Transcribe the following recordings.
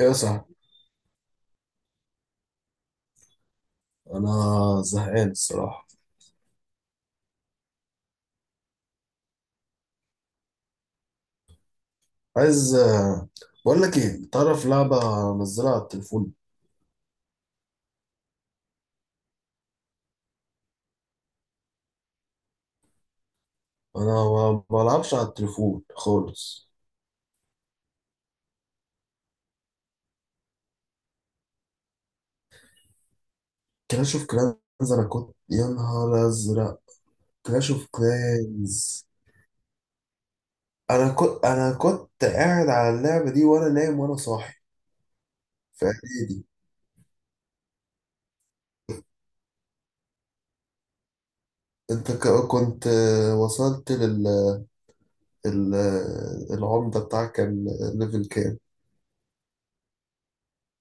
ايه يا صاحبي. انا زهقان الصراحه. عايز، بقول لك ايه، تعرف لعبه منزلها على التليفون؟ انا ما بلعبش على التليفون خالص. كلاش اوف كلانز، انا كنت يا نهار ازرق. كلاش اوف كلانز. انا كنت قاعد على اللعبه دي وانا نايم وانا صاحي في اعدادي. انت كنت، وصلت لل، العمده بتاعك كان ليفل كام؟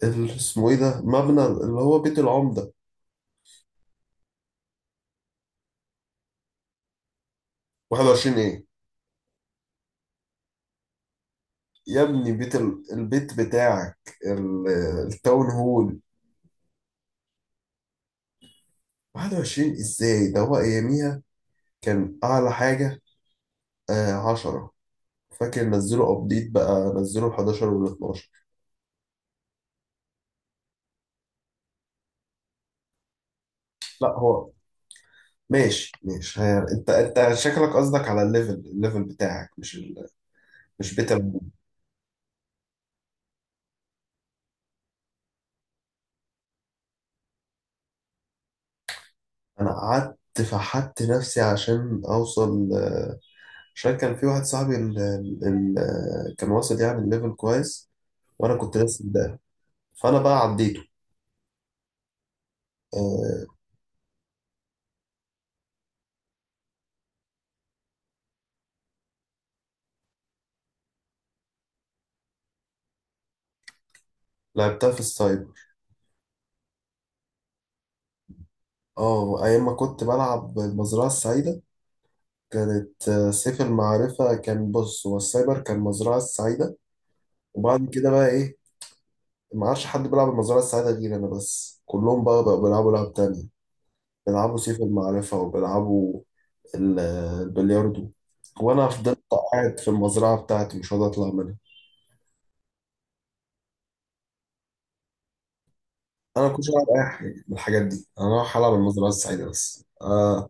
اسمه ايه ده، مبنى اللي هو بيت العمده؟ 21 ايه؟ يا ابني بيت البيت بتاعك التاون هول. 21 ازاي، ده هو اياميها كان اعلى حاجة آه 10. فاكر نزلوا ابديت بقى، نزلوا ال 11 وال 12. لا هو، ماشي ماشي، هي انت شكلك قصدك على الليفل، الليفل بتاعك مش ال...، مش بيت ال-. انا قعدت، فحت نفسي عشان اوصل، عشان كان في واحد صاحبي كان واصل يعني الليفل كويس، وانا كنت لسه ده، فانا بقى عديته آه، لعبتها في السايبر. اه، ايام ما كنت بلعب المزرعة السعيدة كانت، سيف المعرفة كان، بص هو السايبر كان المزرعة السعيدة. وبعد كده بقى ايه، ما عادش حد بيلعب المزرعة السعيدة غير انا بس، كلهم بقى بقوا بيلعبوا لعب تانية، بيلعبوا سيف المعرفة وبيلعبوا البلياردو، وانا فضلت قاعد في المزرعة بتاعتي مش راضي اطلع منها. انا ما كنتش العب اي حاجة من الحاجات دي، انا رايح العب المزرعة السعيدة بس.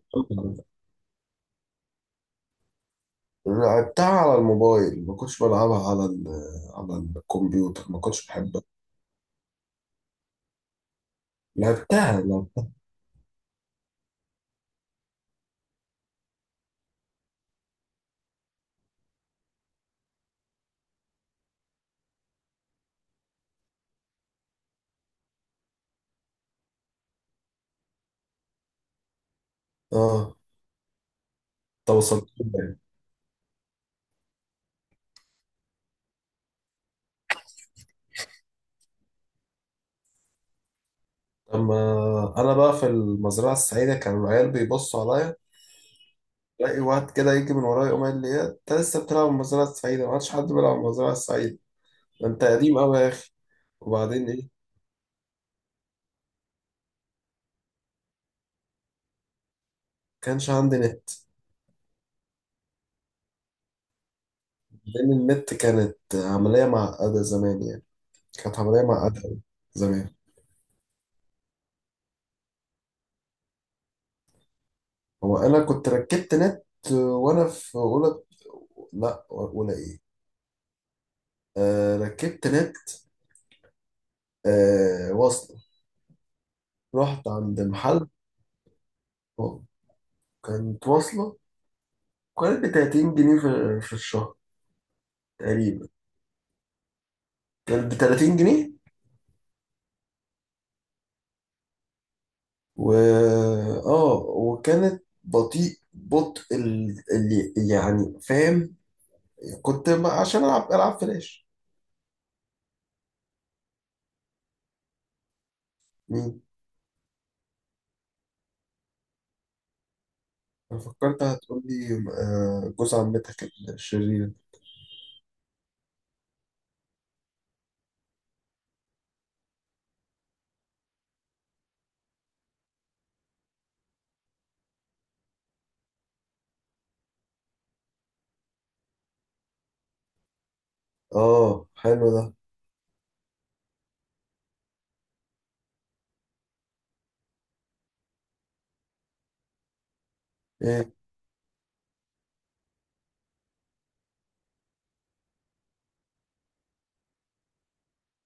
لعبتها على الموبايل، ما كنتش بلعبها على ال، على الكمبيوتر، ما كنتش بحبها. لعبتها لعبتها. اه، طب وصلت لها. لما انا بقى في المزرعه السعيده كان العيال بيبصوا عليا، الاقي واحد كده يجي من ورايا يقوم قال لي انت لسه بتلعب المزرعه السعيده؟ ما عادش حد بيلعب المزرعه السعيده، ده انت قديم قوي يا اخي. وبعدين ايه، كانش عندي نت، لان النت كانت عمليه معقده زمان يعني، كانت عمليه معقده أوي زمان. هو انا كنت ركبت نت وانا في اولى. لا اولى ايه، آه ركبت نت، آه واصله، رحت عند محل. كانت واصله، كانت ب 30 جنيه في الشهر تقريبا، كانت ب 30 جنيه. و اه، وكانت بطيء، بطء اللي يعني فاهم. كنت عشان العب فلاش. مم. انا فكرت هتقول لي جوز عمتك الشرير. اه حلو ده. إيه،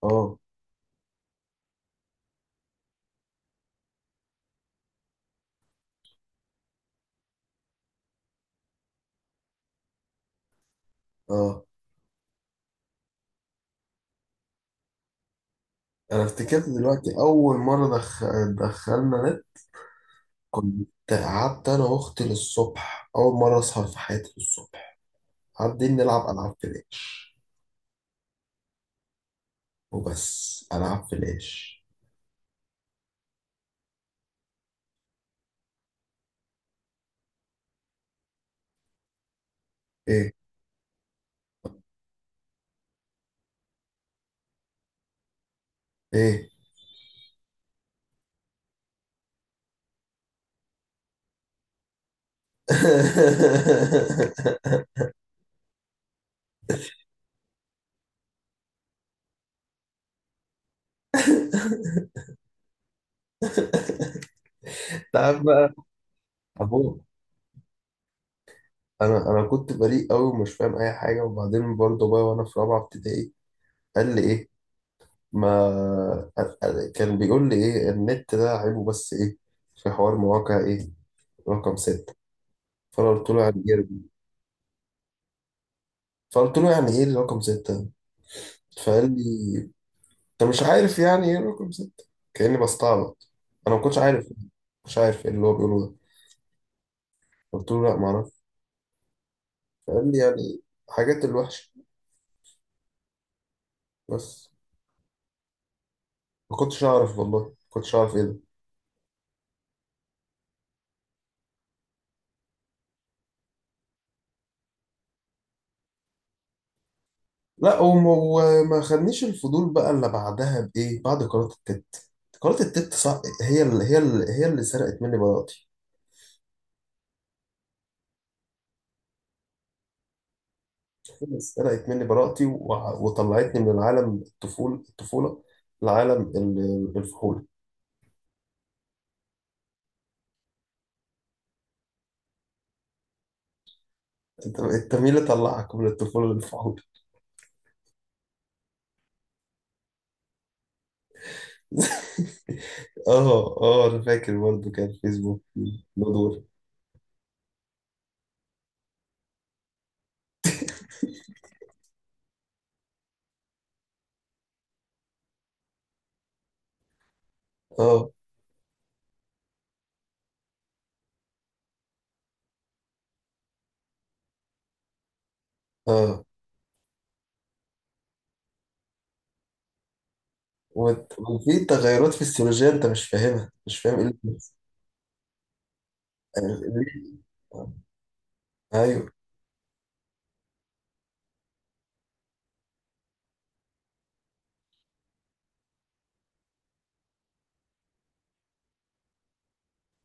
اه اه انا افتكرت دلوقتي اول مره دخلنا نت. كنت قعدت انا واختي للصبح، اول مره اصحى في حياتي الصبح قاعدين نلعب العاب فلاش، وبس العاب فلاش. ايه، ايه. تعرف بقى. ابوه. انا كنت بريء قوي ومش فاهم اي حاجه. وبعدين برضه بقى وانا في رابعه ابتدائي قال لي ايه؟ ما كان بيقول لي ايه، النت ده عيبه بس ايه، في حوار مواقع ايه رقم ستة. فأنا قلت له يعني إيه، فقلت له يعني إيه الرقم ستة، فقال لي أنت مش عارف يعني إيه رقم ستة، كأني بستعبط. أنا ما كنتش عارف، ما كنتش عارف إيه اللي هو بيقوله ده. قلت له لا معرفش، فقال لي يعني حاجات الوحشة بس. ما كنتش أعرف، والله ما كنتش أعرف إيه ده. لا، وما خدنيش الفضول بقى إلا بعدها بإيه، بعد قناة التت. قناة التت صح، هي اللي سرقت مني بقى، بس سرقت مني براءتي، وطلعتني من العالم الطفولة الطفولة لعالم الفحول. انت مين اللي طلعك من الطفولة للفحول؟ اه اه انا فاكر برضه كان فيسبوك. ندور. اه اه وفي تغيرات فسيولوجية انت مش فاهمها، مش فاهم ايه اللي بيحصل. آه، ليه؟ آه. ايوه.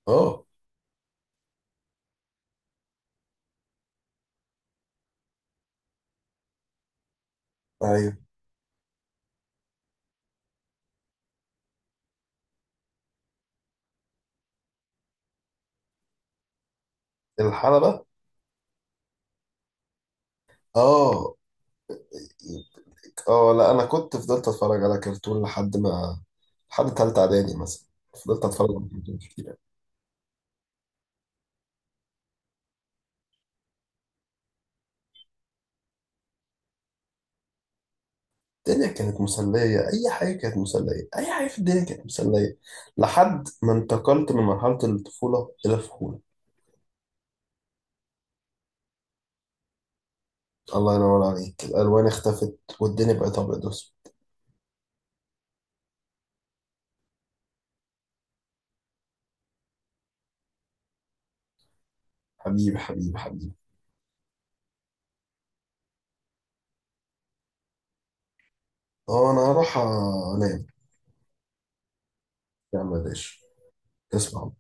اه ايوه. الحلبة. اه اه. لا انا كنت فضلت اتفرج على كرتون لحد ما، لحد تالتة اعدادي مثلا فضلت اتفرج على كرتون كتير. الدنيا كانت مسلية، اي حاجة كانت مسلية، اي حاجة في الدنيا كانت مسلية لحد ما انتقلت من مرحلة الطفولة الى الفهولة. الله ينور عليك، الالوان اختفت والدنيا بقت ابيض واسود. حبيبي حبيبي حبيبي. اه انا هروح انام. يا عم يا باشا. تسمع